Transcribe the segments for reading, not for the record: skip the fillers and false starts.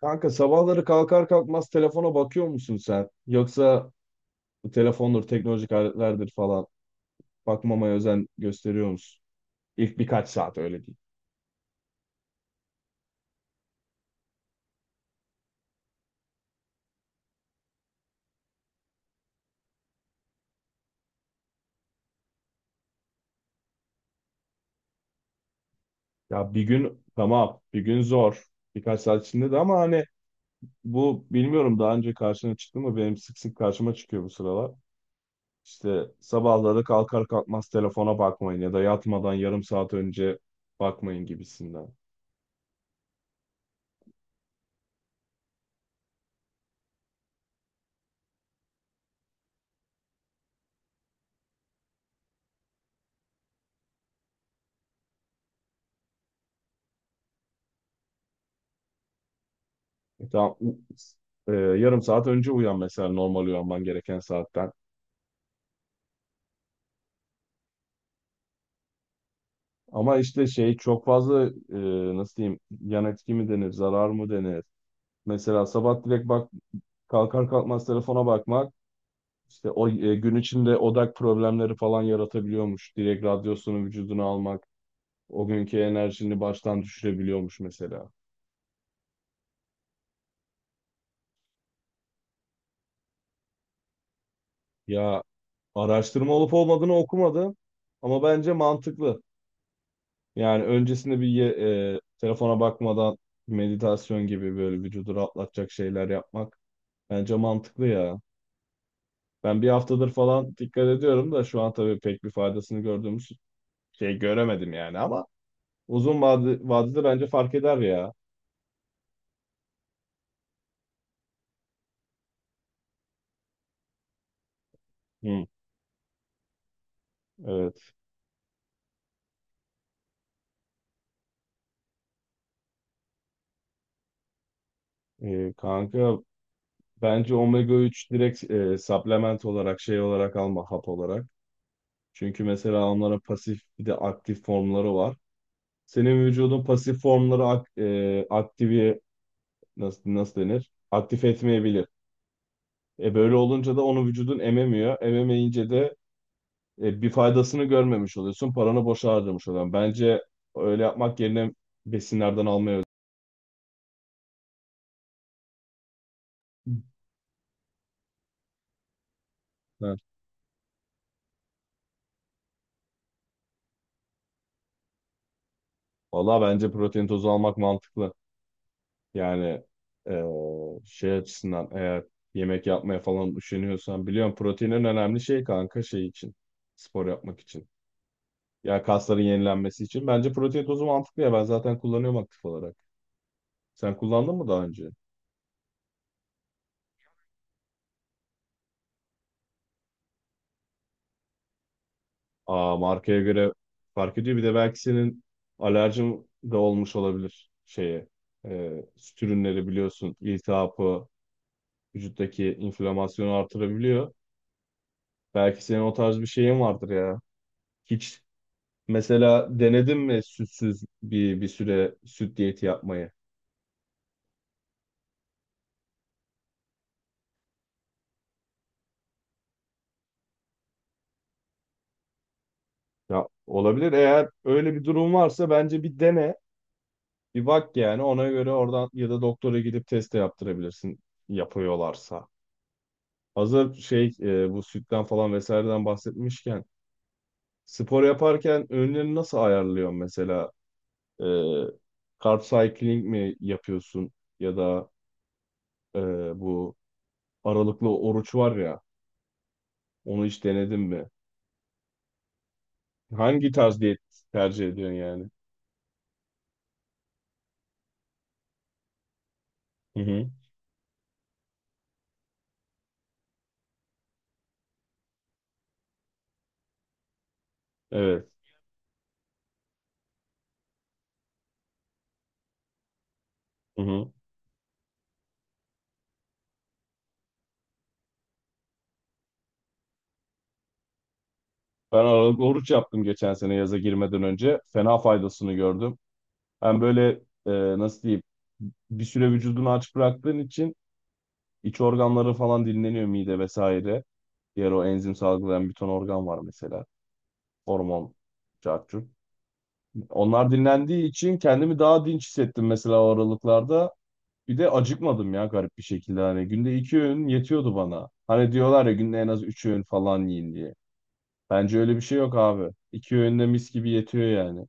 Kanka sabahları kalkar kalkmaz telefona bakıyor musun sen? Yoksa bu telefondur, teknolojik aletlerdir falan. Bakmamaya özen gösteriyor musun? İlk birkaç saat öyle değil. Ya bir gün tamam, bir gün zor. Birkaç saat içinde de ama hani bu bilmiyorum daha önce karşına çıktı mı? Benim sık sık karşıma çıkıyor bu sıralar. İşte sabahları kalkar kalkmaz telefona bakmayın ya da yatmadan yarım saat önce bakmayın gibisinden. Tamam, yarım saat önce uyan mesela normal uyanman gereken saatten. Ama işte şey çok fazla nasıl diyeyim, yan etki mi denir, zarar mı denir? Mesela sabah direkt bak, kalkar kalkmaz telefona bakmak, İşte o e, gün içinde odak problemleri falan yaratabiliyormuş. Direkt radyosunu vücuduna almak o günkü enerjini baştan düşürebiliyormuş mesela. Ya araştırma olup olmadığını okumadım ama bence mantıklı. Yani öncesinde telefona bakmadan meditasyon gibi böyle vücudu rahatlatacak şeyler yapmak bence mantıklı ya. Ben bir haftadır falan dikkat ediyorum da şu an tabii pek bir faydasını gördüğümüz şey göremedim yani ama uzun vadede bence fark eder ya. Hı, evet. Kanka bence omega 3 direkt supplement olarak, şey olarak alma, hap olarak. Çünkü mesela onlara pasif bir de aktif formları var. Senin vücudun pasif formları aktivi, nasıl denir? Aktif etmeyebilir. Böyle olunca da onu vücudun ememiyor. Ememeyince de bir faydasını görmemiş oluyorsun. Paranı boşa harcamış oluyorsun. Bence öyle yapmak yerine besinlerden almaya. Hı. Valla bence protein tozu almak mantıklı. Yani eee, şey açısından, eğer yemek yapmaya falan üşeniyorsan, biliyorum proteinin önemli şey kanka, şey için, spor yapmak için. Ya kasların yenilenmesi için. Bence protein tozu mantıklı ya, ben zaten kullanıyorum aktif olarak. Sen kullandın mı daha önce? Aa, markaya göre fark ediyor. Bir de belki senin alerjin de olmuş olabilir şeye. Süt ürünleri biliyorsun iltihabı, vücuttaki inflamasyonu artırabiliyor. Belki senin o tarz bir şeyin vardır ya. Hiç, mesela denedin mi sütsüz bir süre süt diyeti yapmayı? Ya olabilir. Eğer öyle bir durum varsa bence bir dene. Bir bak yani, ona göre oradan ya da doktora gidip test de yaptırabilirsin, yapıyorlarsa. Hazır bu sütten falan vesaireden bahsetmişken, spor yaparken öğünlerini nasıl ayarlıyorsun mesela? E, Carb cycling mi yapıyorsun ya da e, bu aralıklı oruç var ya, onu hiç denedin mi? Hangi tarz diyet tercih ediyorsun yani? Hı hı. Evet. Hı hı. Ben aralıklı oruç yaptım geçen sene yaza girmeden önce. Fena faydasını gördüm. Hem böyle, e, nasıl diyeyim, bir süre vücudunu aç bıraktığın için iç organları falan dinleniyor, mide vesaire. Diğer o enzim salgılayan bir ton organ var mesela. Hormon, cacuk. Onlar dinlendiği için kendimi daha dinç hissettim mesela o aralıklarda. Bir de acıkmadım ya, garip bir şekilde hani günde iki öğün yetiyordu bana. Hani diyorlar ya günde en az üç öğün falan yiyin diye. Bence öyle bir şey yok abi. İki öğün de mis gibi yetiyor yani.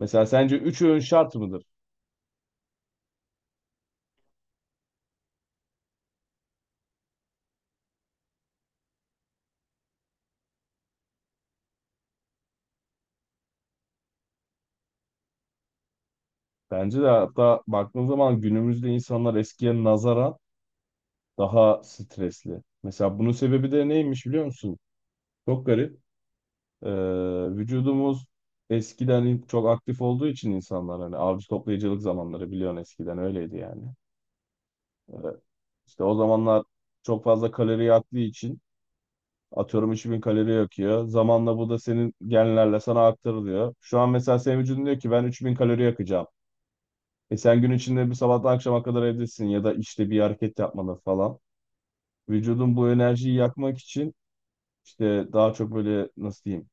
Mesela sence üç öğün şart mıdır? Bence de. Hatta baktığın zaman günümüzde insanlar eskiye nazaran daha stresli. Mesela bunun sebebi de neymiş biliyor musun? Çok garip. Ee, Vücudumuz eskiden çok aktif olduğu için, insanlar hani avcı toplayıcılık zamanları biliyorsun, eskiden öyleydi yani. Ee, İşte o zamanlar çok fazla kalori yaktığı için, atıyorum 3000 kalori yakıyor. Zamanla bu da senin genlerle sana aktarılıyor. Şu an mesela senin vücudun diyor ki ben 3000 kalori yakacağım. E sen gün içinde bir sabahtan akşama kadar evdesin ya da işte bir hareket yapmalı falan. Vücudun bu enerjiyi yakmak için işte daha çok böyle, nasıl diyeyim,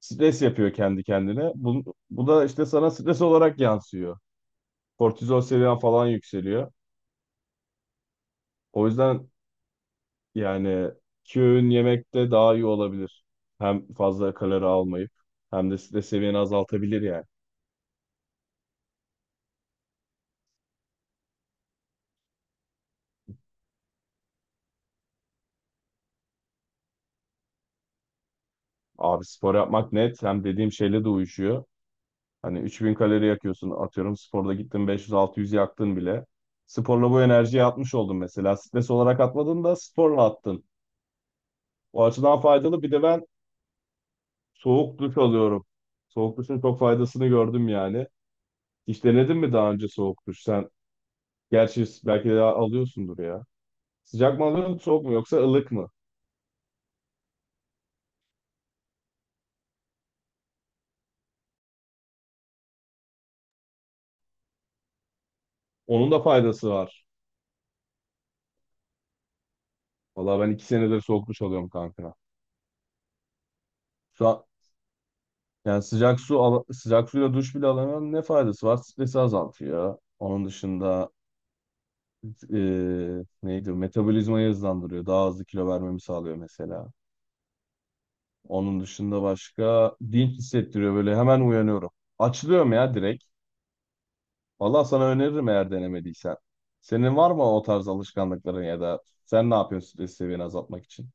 stres yapıyor kendi kendine. Bu da işte sana stres olarak yansıyor. Kortizol seviyen falan yükseliyor. O yüzden, yani, iki öğün yemek de daha iyi olabilir. Hem fazla kalori almayıp hem de stres seviyeni azaltabilir yani. Abi spor yapmak net, hem dediğim şeyle de uyuşuyor. Hani 3000 kalori yakıyorsun atıyorum, sporda gittin 500-600 yaktın bile. Sporla bu enerjiyi atmış oldun mesela. Stres olarak atmadın da sporla attın. O açıdan faydalı. Bir de ben soğuk duş alıyorum. Soğuk duşun çok faydasını gördüm yani. Hiç denedin mi daha önce soğuk duş? Sen gerçi belki de alıyorsundur ya. Sıcak mı alıyorsun, soğuk mu, yoksa ılık mı? Onun da faydası var. Vallahi ben iki senedir soğuk duş alıyorum kanka. Şu an yani sıcak suyla duş bile alamıyorum. Ne faydası var? Stresi azaltıyor. Onun dışında neydi? Metabolizmayı hızlandırıyor. Daha hızlı kilo vermemi sağlıyor mesela. Onun dışında başka, dinç hissettiriyor, böyle hemen uyanıyorum. Açılıyorum ya direkt. Valla sana öneririm eğer denemediysen. Senin var mı o tarz alışkanlıkların, ya da sen ne yapıyorsun stres seviyeni azaltmak için?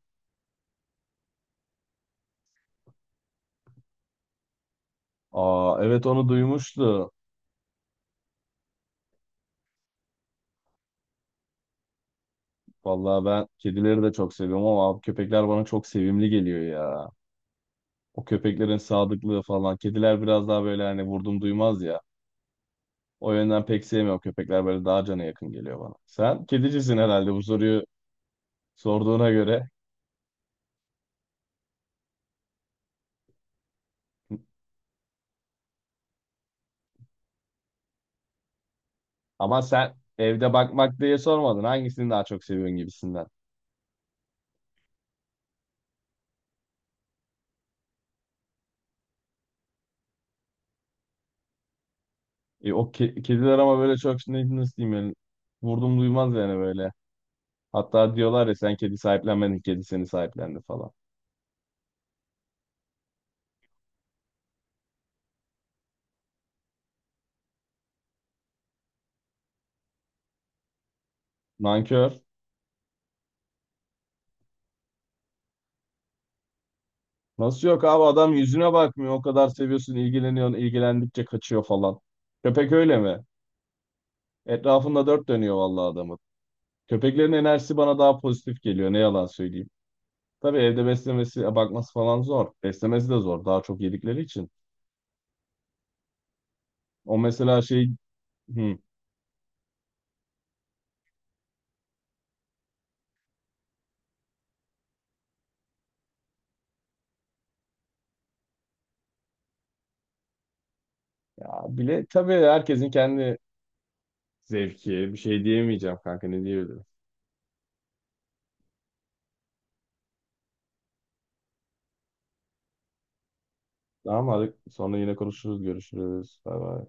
Aa, evet, onu duymuştu. Vallahi ben kedileri de çok seviyorum ama abi köpekler bana çok sevimli geliyor ya. O köpeklerin sadıklığı falan. Kediler biraz daha böyle, hani, vurdum duymaz ya. O yönden pek sevmiyorum. Köpekler böyle daha cana yakın geliyor bana. Sen kedicisin herhalde, bu soruyu sorduğuna göre. Ama sen evde bakmak diye sormadın. Hangisini daha çok seviyorsun gibisinden. Kediler ama böyle çok nasıl diyeyim yani, vurdum duymaz yani böyle. Hatta diyorlar ya sen kedi sahiplenmedin, kedi seni sahiplendi falan. Nankör. Nasıl yok abi, adam yüzüne bakmıyor. O kadar seviyorsun, ilgileniyorsun, ilgilendikçe kaçıyor falan. Köpek öyle mi? Etrafında dört dönüyor vallahi adamın. Köpeklerin enerjisi bana daha pozitif geliyor. Ne yalan söyleyeyim. Tabii evde beslemesi, bakması falan zor. Beslemesi de zor. Daha çok yedikleri için. O mesela şey, hı, ya bile tabii, herkesin kendi zevki. Bir şey diyemeyeceğim kanka, ne diyebilirim. Tamam, hadi sonra yine konuşuruz, görüşürüz. Bay bay.